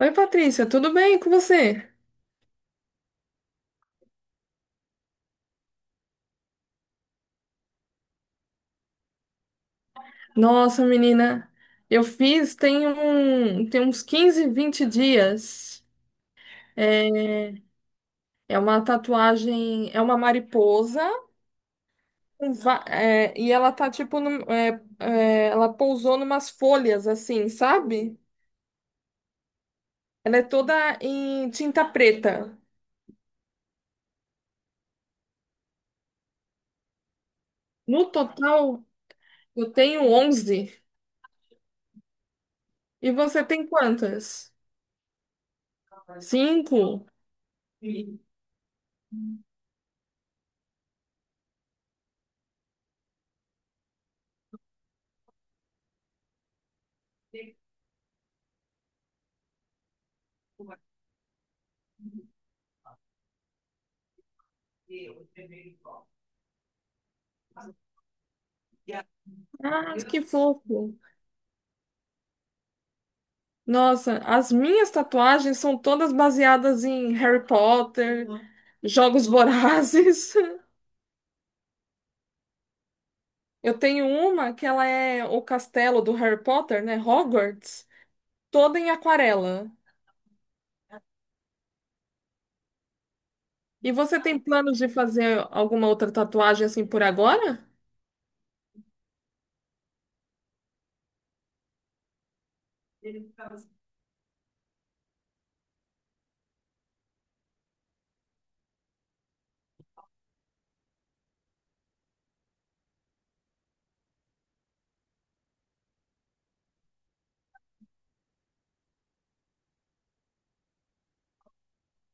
Oi, Patrícia, tudo bem com você? Nossa, menina, eu fiz tem uns 15, 20 dias. É é uma tatuagem, é uma mariposa, e ela tá tipo, ela pousou numas folhas assim, sabe? Ela é toda em tinta preta. No total, eu tenho 11. E você tem quantas? Cinco? Ah, que fofo. Nossa, as minhas tatuagens são todas baseadas em Harry Potter, Jogos Vorazes. Eu tenho uma que ela é o castelo do Harry Potter, né? Hogwarts, toda em aquarela. E você tem planos de fazer alguma outra tatuagem assim por agora?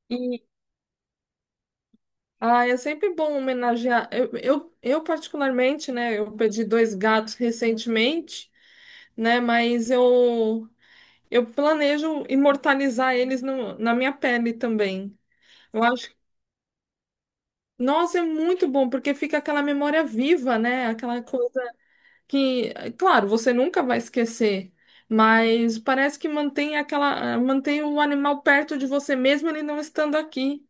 E ah, é sempre bom homenagear. Eu particularmente, né? Eu perdi dois gatos recentemente, né? Mas eu planejo imortalizar eles na minha pele também. Eu acho. Nossa, é muito bom, porque fica aquela memória viva, né? Aquela coisa que, claro, você nunca vai esquecer, mas parece que mantém aquela, mantém o animal perto de você mesmo ele não estando aqui.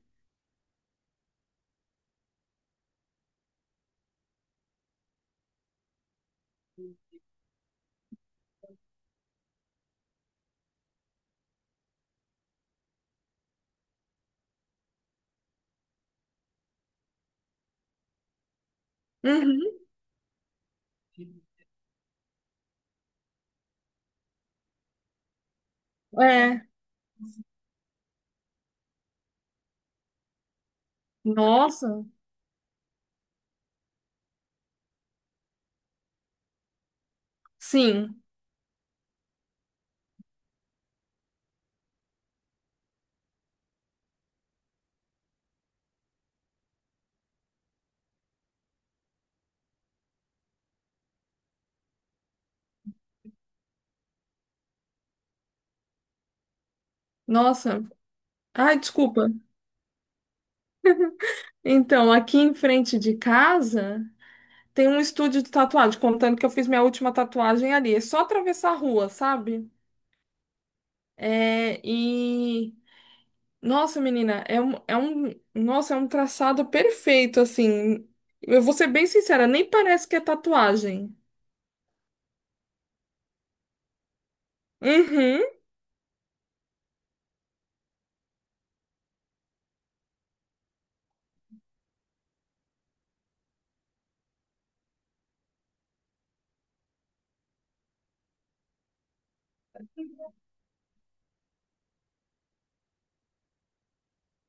Uhum. É. Nossa, sim. Nossa. Ai, desculpa. Então, aqui em frente de casa tem um estúdio de tatuagem, contando que eu fiz minha última tatuagem ali. É só atravessar a rua, sabe? É, e Nossa, menina, é um traçado perfeito, assim. Eu vou ser bem sincera, nem parece que é tatuagem. Uhum,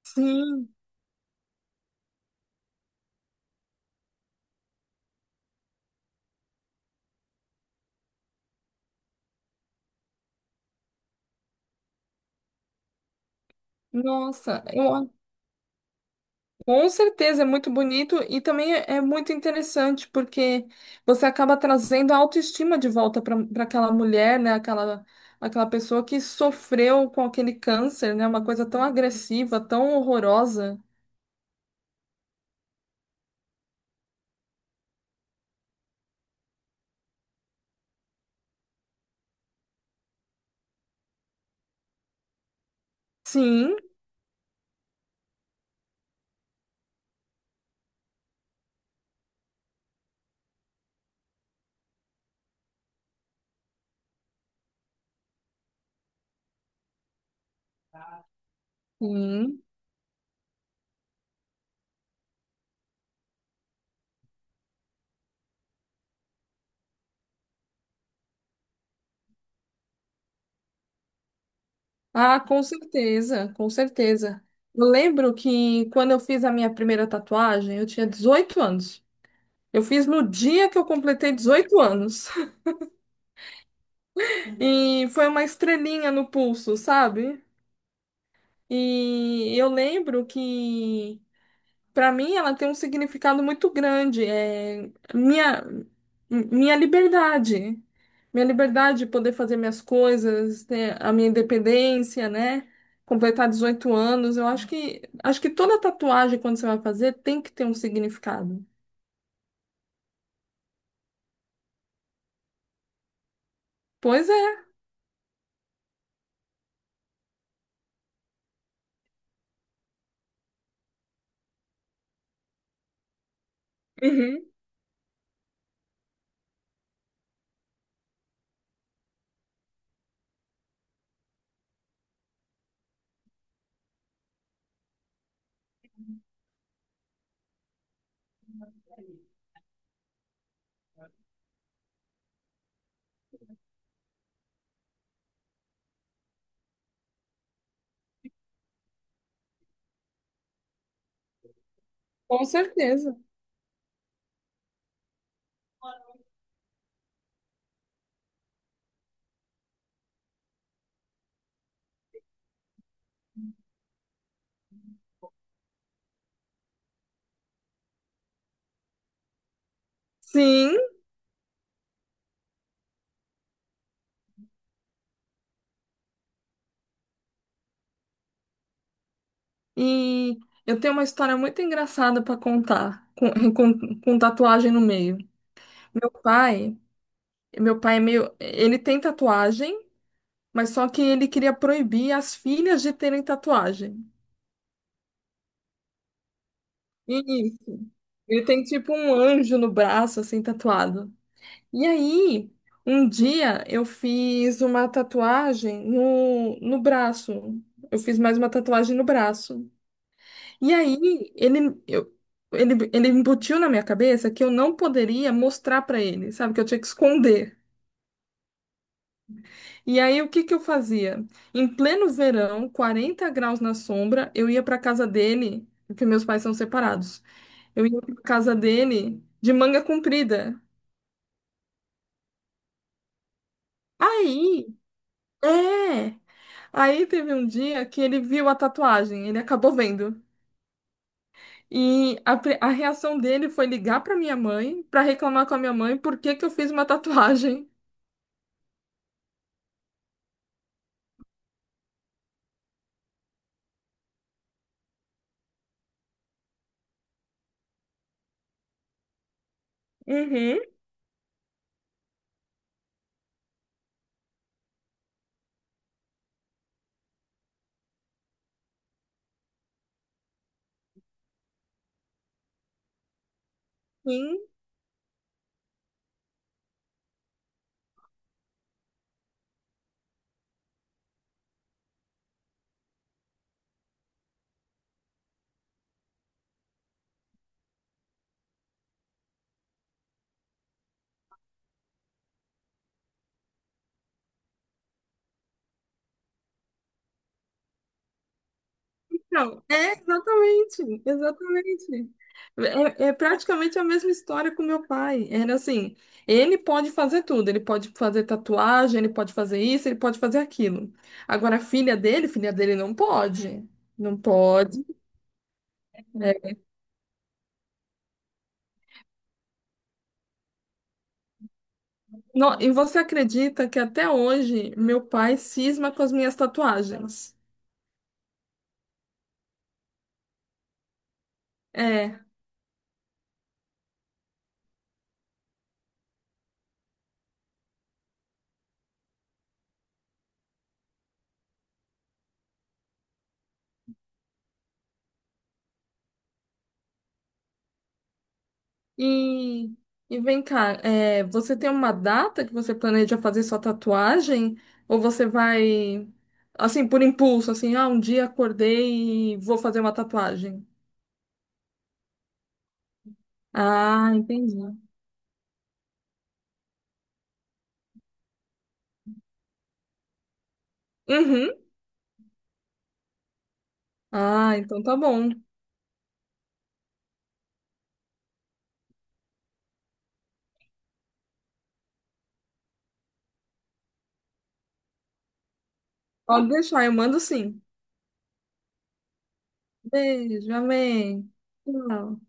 sim. Nossa, eu, com certeza é muito bonito e também é muito interessante porque você acaba trazendo a autoestima de volta para aquela mulher, né? Aquela, aquela pessoa que sofreu com aquele câncer, né? Uma coisa tão agressiva, tão horrorosa. Sim, sim. Ah, com certeza, com certeza. Eu lembro que quando eu fiz a minha primeira tatuagem, eu tinha 18 anos. Eu fiz no dia que eu completei 18 anos. E foi uma estrelinha no pulso, sabe? E eu lembro que Para mim, ela tem um significado muito grande. É minha, minha liberdade. Minha liberdade de poder fazer minhas coisas, ter a minha independência, né? Completar 18 anos. Eu acho que toda tatuagem, quando você vai fazer, tem que ter um significado. Pois é. Uhum. Com certeza. Sim, e eu tenho uma história muito engraçada para contar, com tatuagem no meio. Meu pai, meu pai é meio, ele tem tatuagem. Mas só que ele queria proibir as filhas de terem tatuagem. Isso. Ele tem tipo um anjo no braço, assim, tatuado. E aí, um dia eu fiz uma tatuagem no braço. Eu fiz mais uma tatuagem no braço. E aí, ele, eu, ele embutiu na minha cabeça que eu não poderia mostrar pra ele, sabe? Que eu tinha que esconder. E aí, o que que eu fazia? Em pleno verão, 40 graus na sombra, eu ia para casa dele, porque meus pais são separados. Eu ia para casa dele de manga comprida. Aí, é. Aí teve um dia que ele viu a tatuagem, ele acabou vendo. E a reação dele foi ligar para minha mãe, para reclamar com a minha mãe por que que eu fiz uma tatuagem. Uhum. Sim. Não, é exatamente, exatamente. É, é praticamente a mesma história com meu pai. Era assim, ele pode fazer tudo, ele pode fazer tatuagem, ele pode fazer isso, ele pode fazer aquilo. Agora, a filha dele não pode. Não pode. É. Não, e você acredita que até hoje meu pai cisma com as minhas tatuagens? É. E, e vem cá, é, você tem uma data que você planeja fazer sua tatuagem? Ou você vai, assim, por impulso, assim, ah, um dia acordei e vou fazer uma tatuagem? Ah, entendi. Uhum. Ah, então tá bom. Pode deixar, eu mando sim. Beijo, amém. Tchau.